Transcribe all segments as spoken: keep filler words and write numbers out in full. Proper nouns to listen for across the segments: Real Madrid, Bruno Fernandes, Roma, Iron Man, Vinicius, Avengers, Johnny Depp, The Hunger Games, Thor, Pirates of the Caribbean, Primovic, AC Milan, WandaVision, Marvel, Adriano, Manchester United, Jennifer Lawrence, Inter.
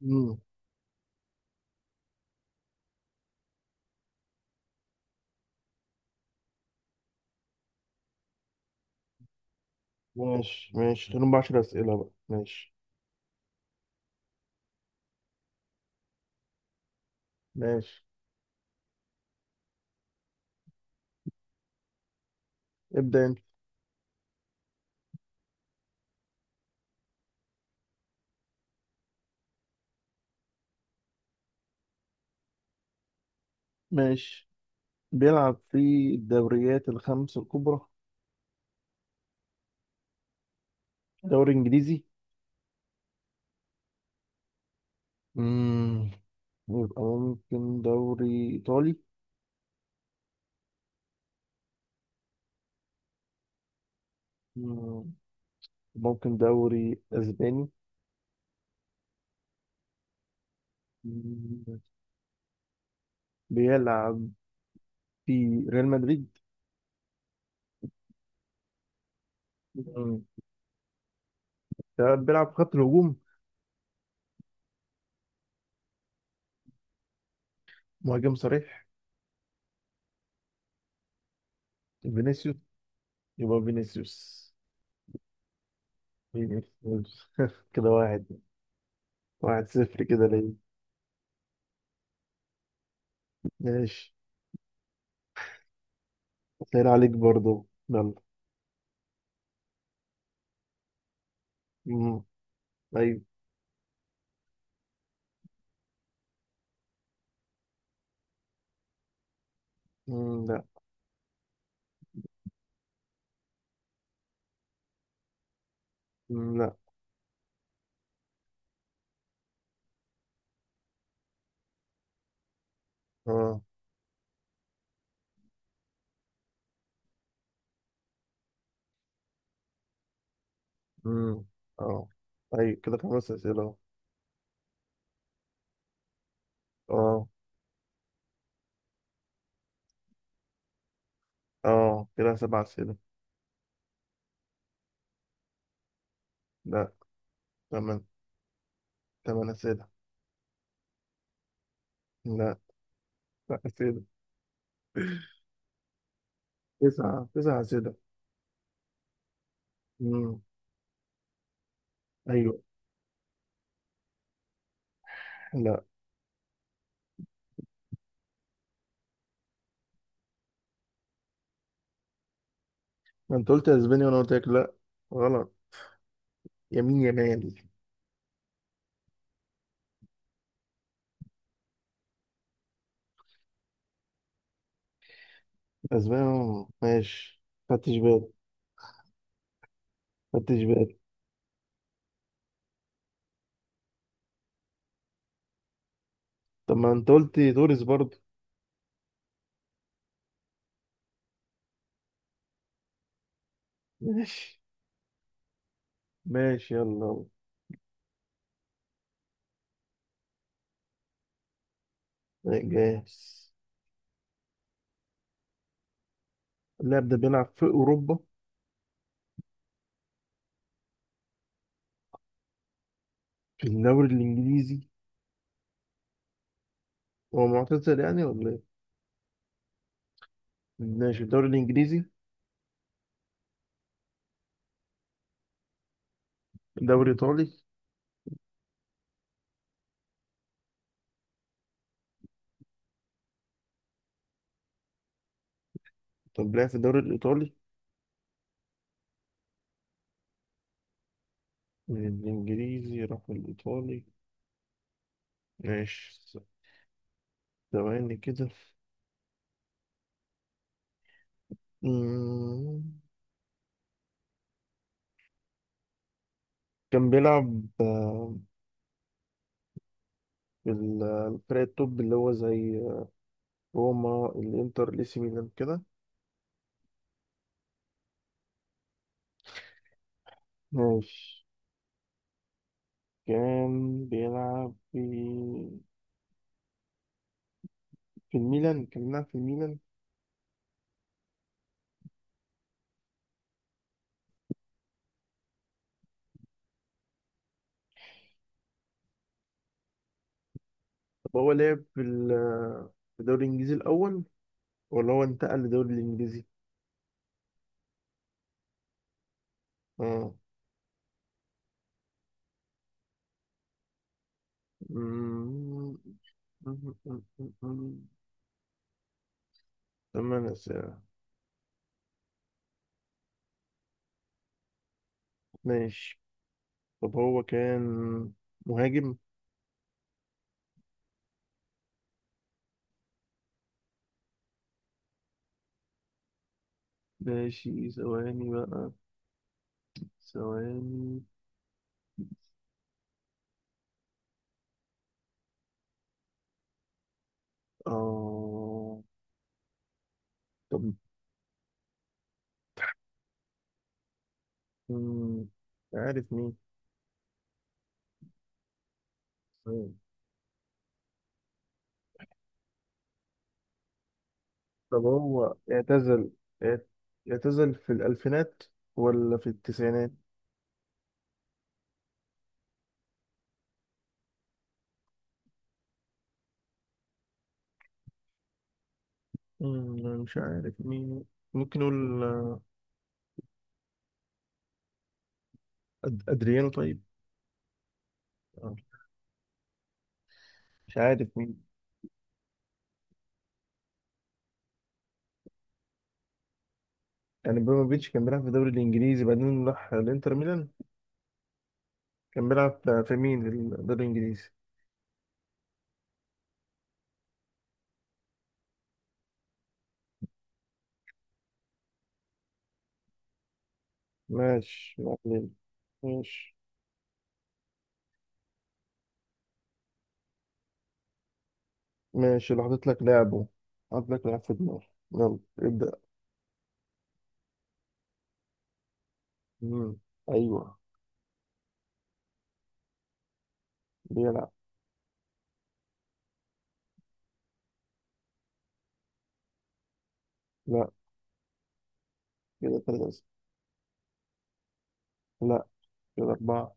مم. ماشي ماشي، خليهم بعشر أسئلة بقى. ماشي ماشي، ابدأ أنت. ماشي، بيلعب في الدوريات الخمس الكبرى. دوري إنجليزي؟ مم. يبقى ممكن دوري إيطالي؟ مم. ممكن دوري أسباني؟ مم. بيلعب في ريال مدريد؟ مم. ده بيلعب في خط الهجوم؟ مهاجم صريح؟ فينيسيوس. يبقى فينيسيوس. فينيسيوس كده واحد. واحد صفر كده ليه؟ ماشي، سهل عليك برضو يلا. مم. أيوة. مم. لا. مم. لا. اه. مم. اه، أيوة كده خمس أسئلة أهو. اه. اه كده سبع أسئلة. لا. تمن تمن أسئلة. لا. لا أسئلة. تسعة تسعة أسئلة. مم. أيوة. لا، ما أنت قلت أسبانيا وأنا قلت لك لا. غلط. يمين يمين. أسبانيا ماشي. خدتش بالي. خدتش بالي. طب ما أنت قلت تونس برضو. ماشي. ماشي يلا. جاهز. اللاعب ده بيلعب في أوروبا. في الدوري الإنجليزي. هو معتزل يعني ولا إيه؟ ماشي، الدوري الإنجليزي. الدوري الإيطالي. طب لعب في الدوري الإيطالي. من الإنجليزي راح الإيطالي. ماشي. ثواني كده. مم. كان بيلعب آه، في ال- الفرق التوب اللي هو زي روما الإنتر الإي سي ميلان كده. ماشي. كان بيلعب في في الميلان. كان بيلعب في الميلان. طب هو لعب في ال- في الدوري الإنجليزي الأول، ولا هو انتقل للدوري الإنجليزي؟ اه. مم. مم. مم. مم. تمام ساعة. ماشي. طب هو كان مهاجم. ماشي، ثواني بقى. ثواني. اه. طب. مم. عارف مين؟ مم. طب هو اعتزل. اعت- اعتزل في الألفينات ولا في التسعينات؟ مم، مش عارف مين. ممكن نقول آه، أد- أدريانو طيب؟ آه، مش عارف مين. يعني بريموفيتش كان بيلعب في الدوري الانجليزي، بعدين راح الانتر ميلان. كان بيلعب في مين، في الدوري الانجليزي؟ ماشي معلم. ماشي. ماشي لو حطيت لك لعبه. حطيت لك لعب في دماغي. يلا ابدأ. مم. ايوه. بيلعب. لا، كده ثلاثة. لا، كده أربعة.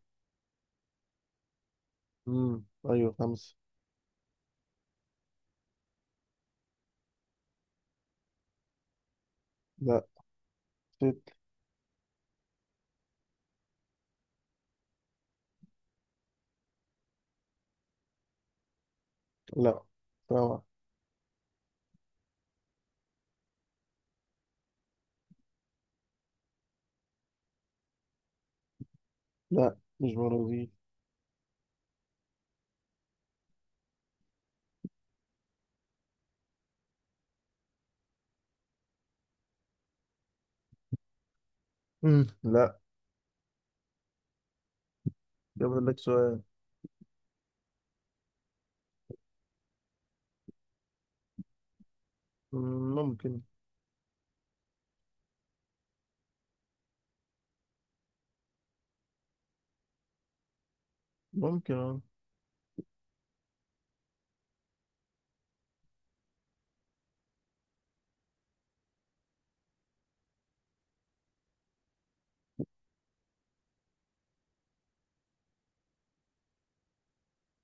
مم. ايوه، خمسة. لا، ست. لا، سبعة. لا، مش برازيل. مم. لا. ده فاضل لك سؤال. مم، ممكن. ممكن اه.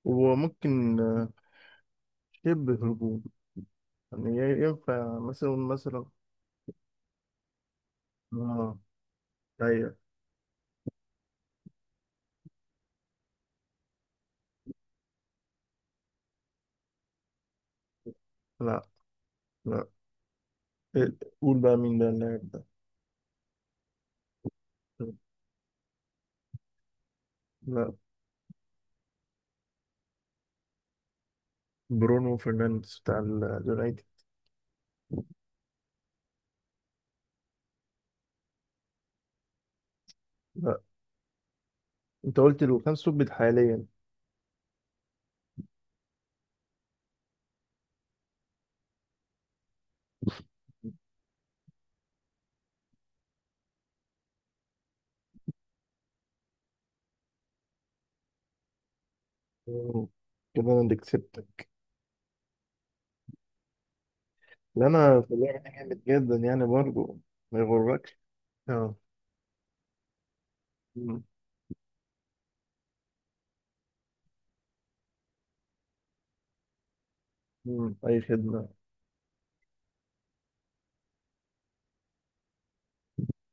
وممكن آه، شبه هجوم. يعني ي- ينفع مثلا مثلا. آه. أيوة. لا. لا. إيه، قول بقى مين ده اللاعب ده. لا. برونو فرنانديز بتاع اليونايتد. لا. أنت قلت له كان سبت حاليا. مم. كده أنا اللي كسبتك. لا، أنا في اللعبة دي جامد جدا يعني برضه. ما يغركش. اه. مم. مم. أي خدمة.